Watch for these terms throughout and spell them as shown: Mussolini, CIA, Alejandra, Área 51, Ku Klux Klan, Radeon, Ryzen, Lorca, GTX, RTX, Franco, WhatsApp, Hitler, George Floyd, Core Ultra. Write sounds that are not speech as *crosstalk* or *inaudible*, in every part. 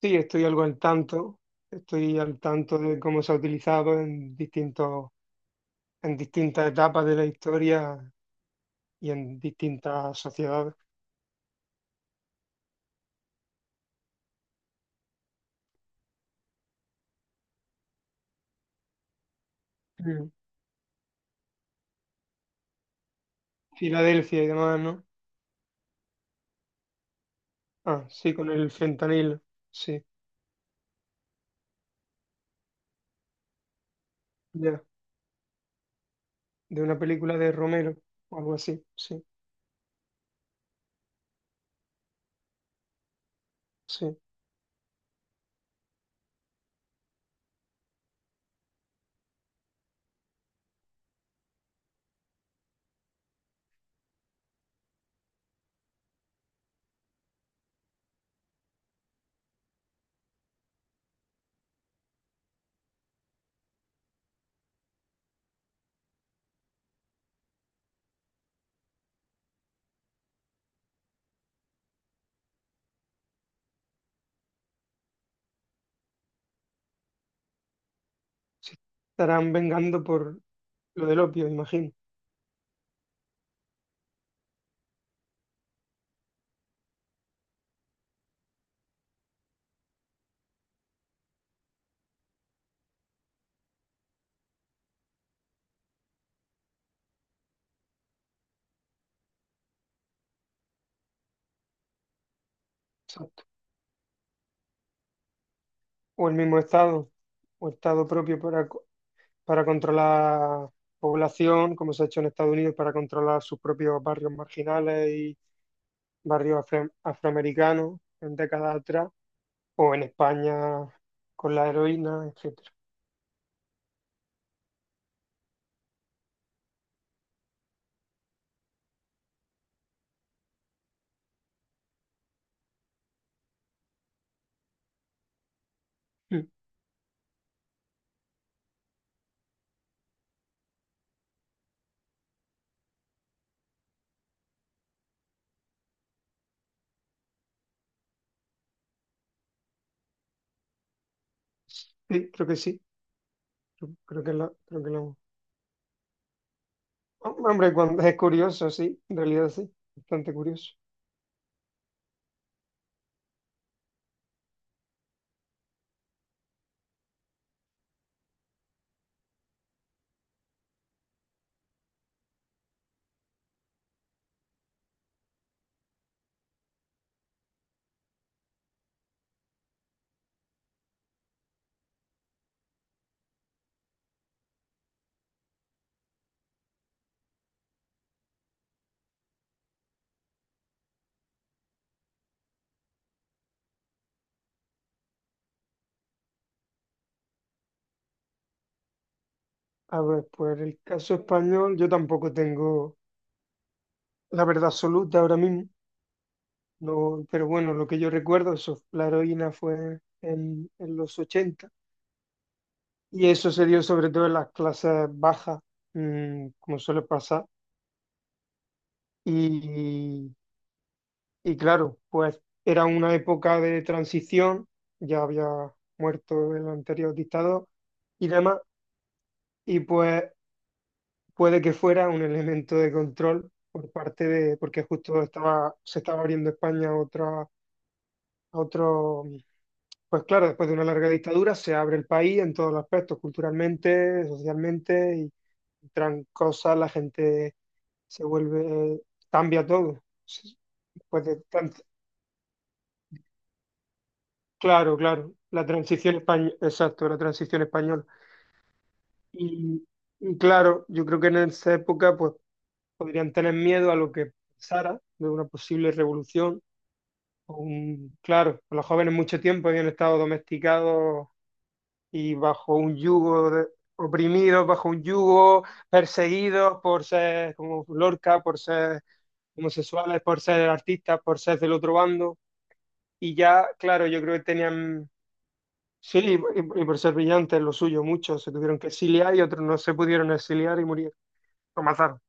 Sí, estoy algo al tanto. Estoy al tanto de cómo se ha utilizado en en distintas etapas de la historia y en distintas sociedades. Mm. Filadelfia y demás, ¿no? Ah, sí, con el fentanilo, sí, ya, de una película de Romero o algo así, sí, sí. Se estarán vengando por lo del opio, imagino. O el mismo Estado, o Estado propio para, para controlar población, como se ha hecho en Estados Unidos para controlar sus propios barrios marginales y barrios afroamericanos en décadas atrás, o en España con la heroína, etcétera. Mm. Sí, creo que sí. Creo creo que la, creo que la- Hombre, cuando es curioso, sí, en realidad sí, bastante curioso. A ver, pues el caso español, yo tampoco tengo la verdad absoluta ahora mismo. No, pero bueno, lo que yo recuerdo, eso, la heroína fue en los 80, y eso se dio sobre todo en las clases bajas, como suele pasar. Y, y claro, pues era una época de transición, ya había muerto el anterior dictador y demás, y pues puede que fuera un elemento de control por parte de, porque justo estaba, se estaba abriendo España a otra, a otro. Pues claro, después de una larga dictadura se abre el país en todos los aspectos, culturalmente, socialmente, y entran cosas, la gente se vuelve, cambia todo. Sí. Pues de tant- claro, claro, la transición española, exacto, la transición española. Y, y claro, yo creo que en esa época pues podrían tener miedo a lo que pasara de una posible revolución. Claro, los jóvenes mucho tiempo habían estado domesticados y bajo un yugo oprimidos, bajo un yugo, perseguidos por ser como Lorca, por ser homosexuales, por ser artistas, por ser del otro bando. Y ya, claro, yo creo que tenían, sí, y por ser brillantes, lo suyo, muchos se tuvieron que exiliar y otros no se pudieron exiliar y murieron, o mataron,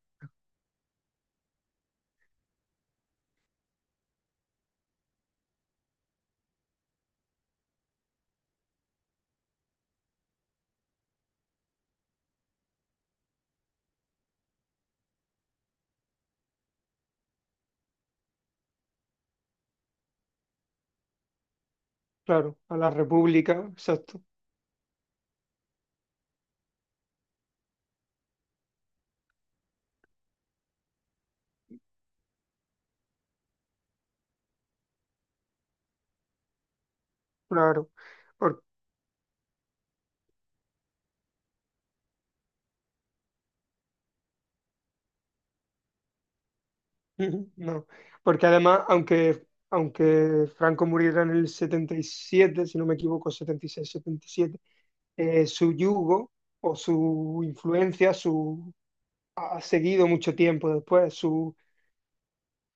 claro, a la República, exacto, claro. Porque *laughs* no. Porque además, aunque Franco muriera en el 77, si no me equivoco, 76, 77, su yugo o su influencia ha seguido mucho tiempo después,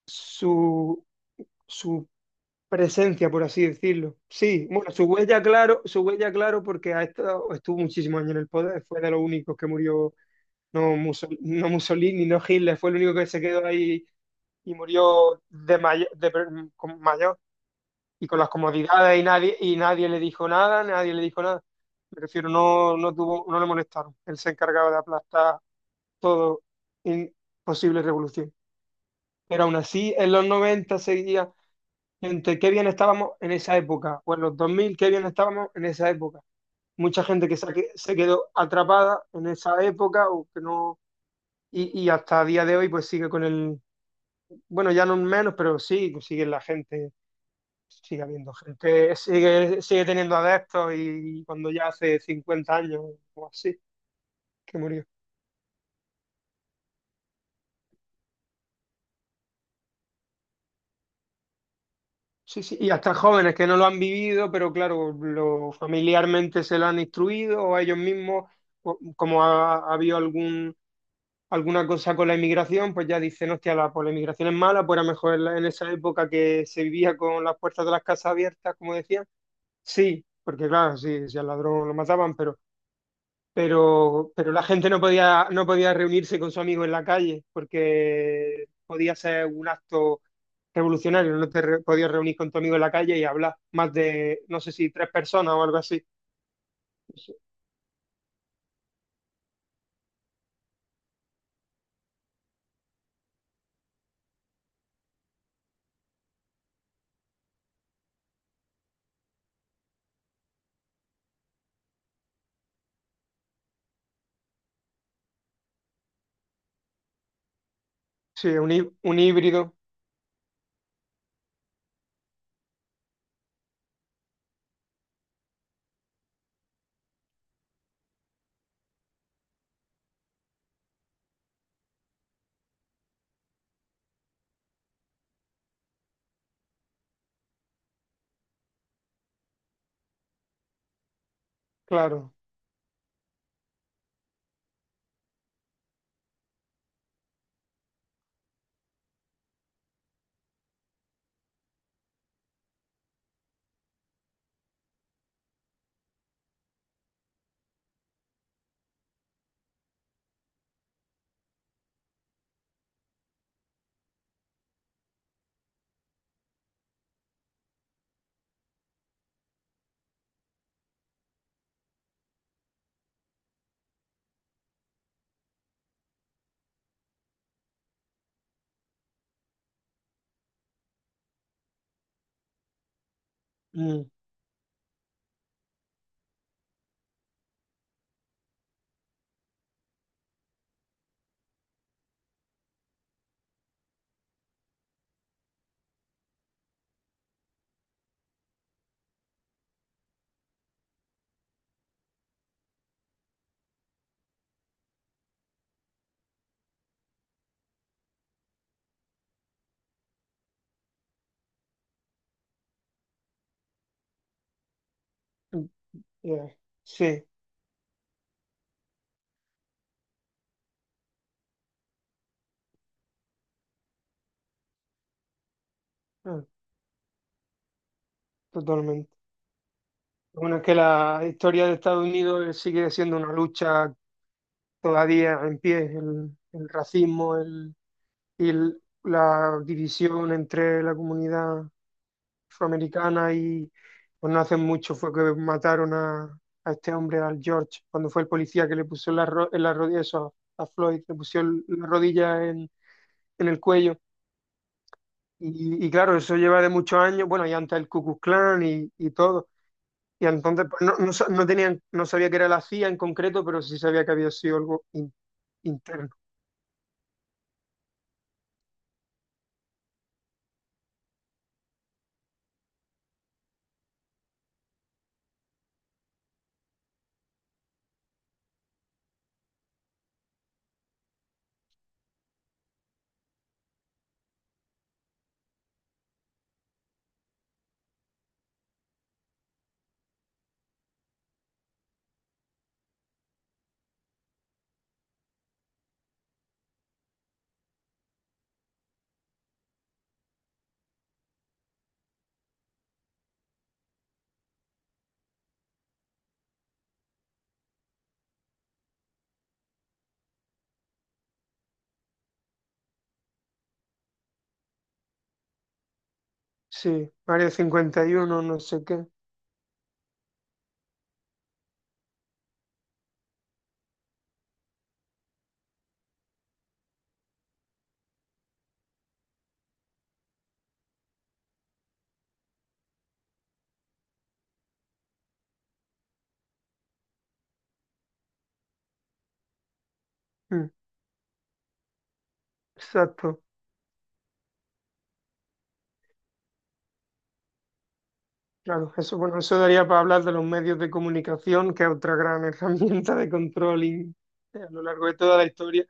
su, su presencia, por así decirlo. Sí, bueno, su huella, claro, porque ha estado, estuvo muchísimos años en el poder, fue de los únicos que murió, no, no Mussolini, no Hitler, fue el único que se quedó ahí y murió de mayor y con las comodidades y nadie le dijo nada, nadie le dijo nada. Me refiero, no tuvo, no le molestaron. Él se encargaba de aplastar todo en posible revolución. Pero aún así, en los 90 seguía gente, qué bien estábamos en esa época, o en los 2000 qué bien estábamos en esa época. Mucha gente que se quedó atrapada en esa época o que no, y hasta día de hoy pues sigue con el, bueno, ya no menos, pero sí, pues sigue habiendo gente, sigue teniendo adeptos y cuando ya hace 50 años o así que murió. Sí, sí, y hasta jóvenes que no lo han vivido, pero claro, lo, familiarmente se lo han instruido o ellos mismos, como ha habido alguna cosa con la inmigración, pues ya dicen, hostia, la inmigración es mala, pues era mejor en esa época que se vivía con las puertas de las casas abiertas, como decían. Sí, porque claro, sí, si al ladrón lo mataban, pero pero la gente no podía reunirse con su amigo en la calle porque podía ser un acto revolucionario, no te re- podías reunir con tu amigo en la calle y hablar más de, no sé si tres personas o algo así. Sí, un híbrido, claro. Mm, mm, yeah. Sí, ah, totalmente. Bueno, es que la historia de Estados Unidos sigue siendo una lucha todavía en pie, el racismo y la división entre la comunidad afroamericana y pues no hace mucho fue que mataron a este hombre, al George, cuando fue el policía que le puso en en la rodilla, eso, a Floyd, le puso la rodilla en el cuello. Y claro, eso lleva de muchos años, bueno, y antes el Ku Klux Klan y todo. Y entonces pues, no tenían, no sabía que era la CIA en concreto, pero sí sabía que había sido algo interno. Sí, Área 51, no sé qué. Mm, exacto. Claro, eso, bueno, eso daría para hablar de los medios de comunicación, que es otra gran *laughs* herramienta de control y, a lo largo de toda la historia.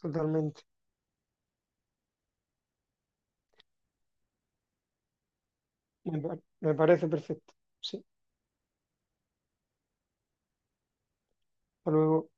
Totalmente. Me parece perfecto. Sí, hasta luego.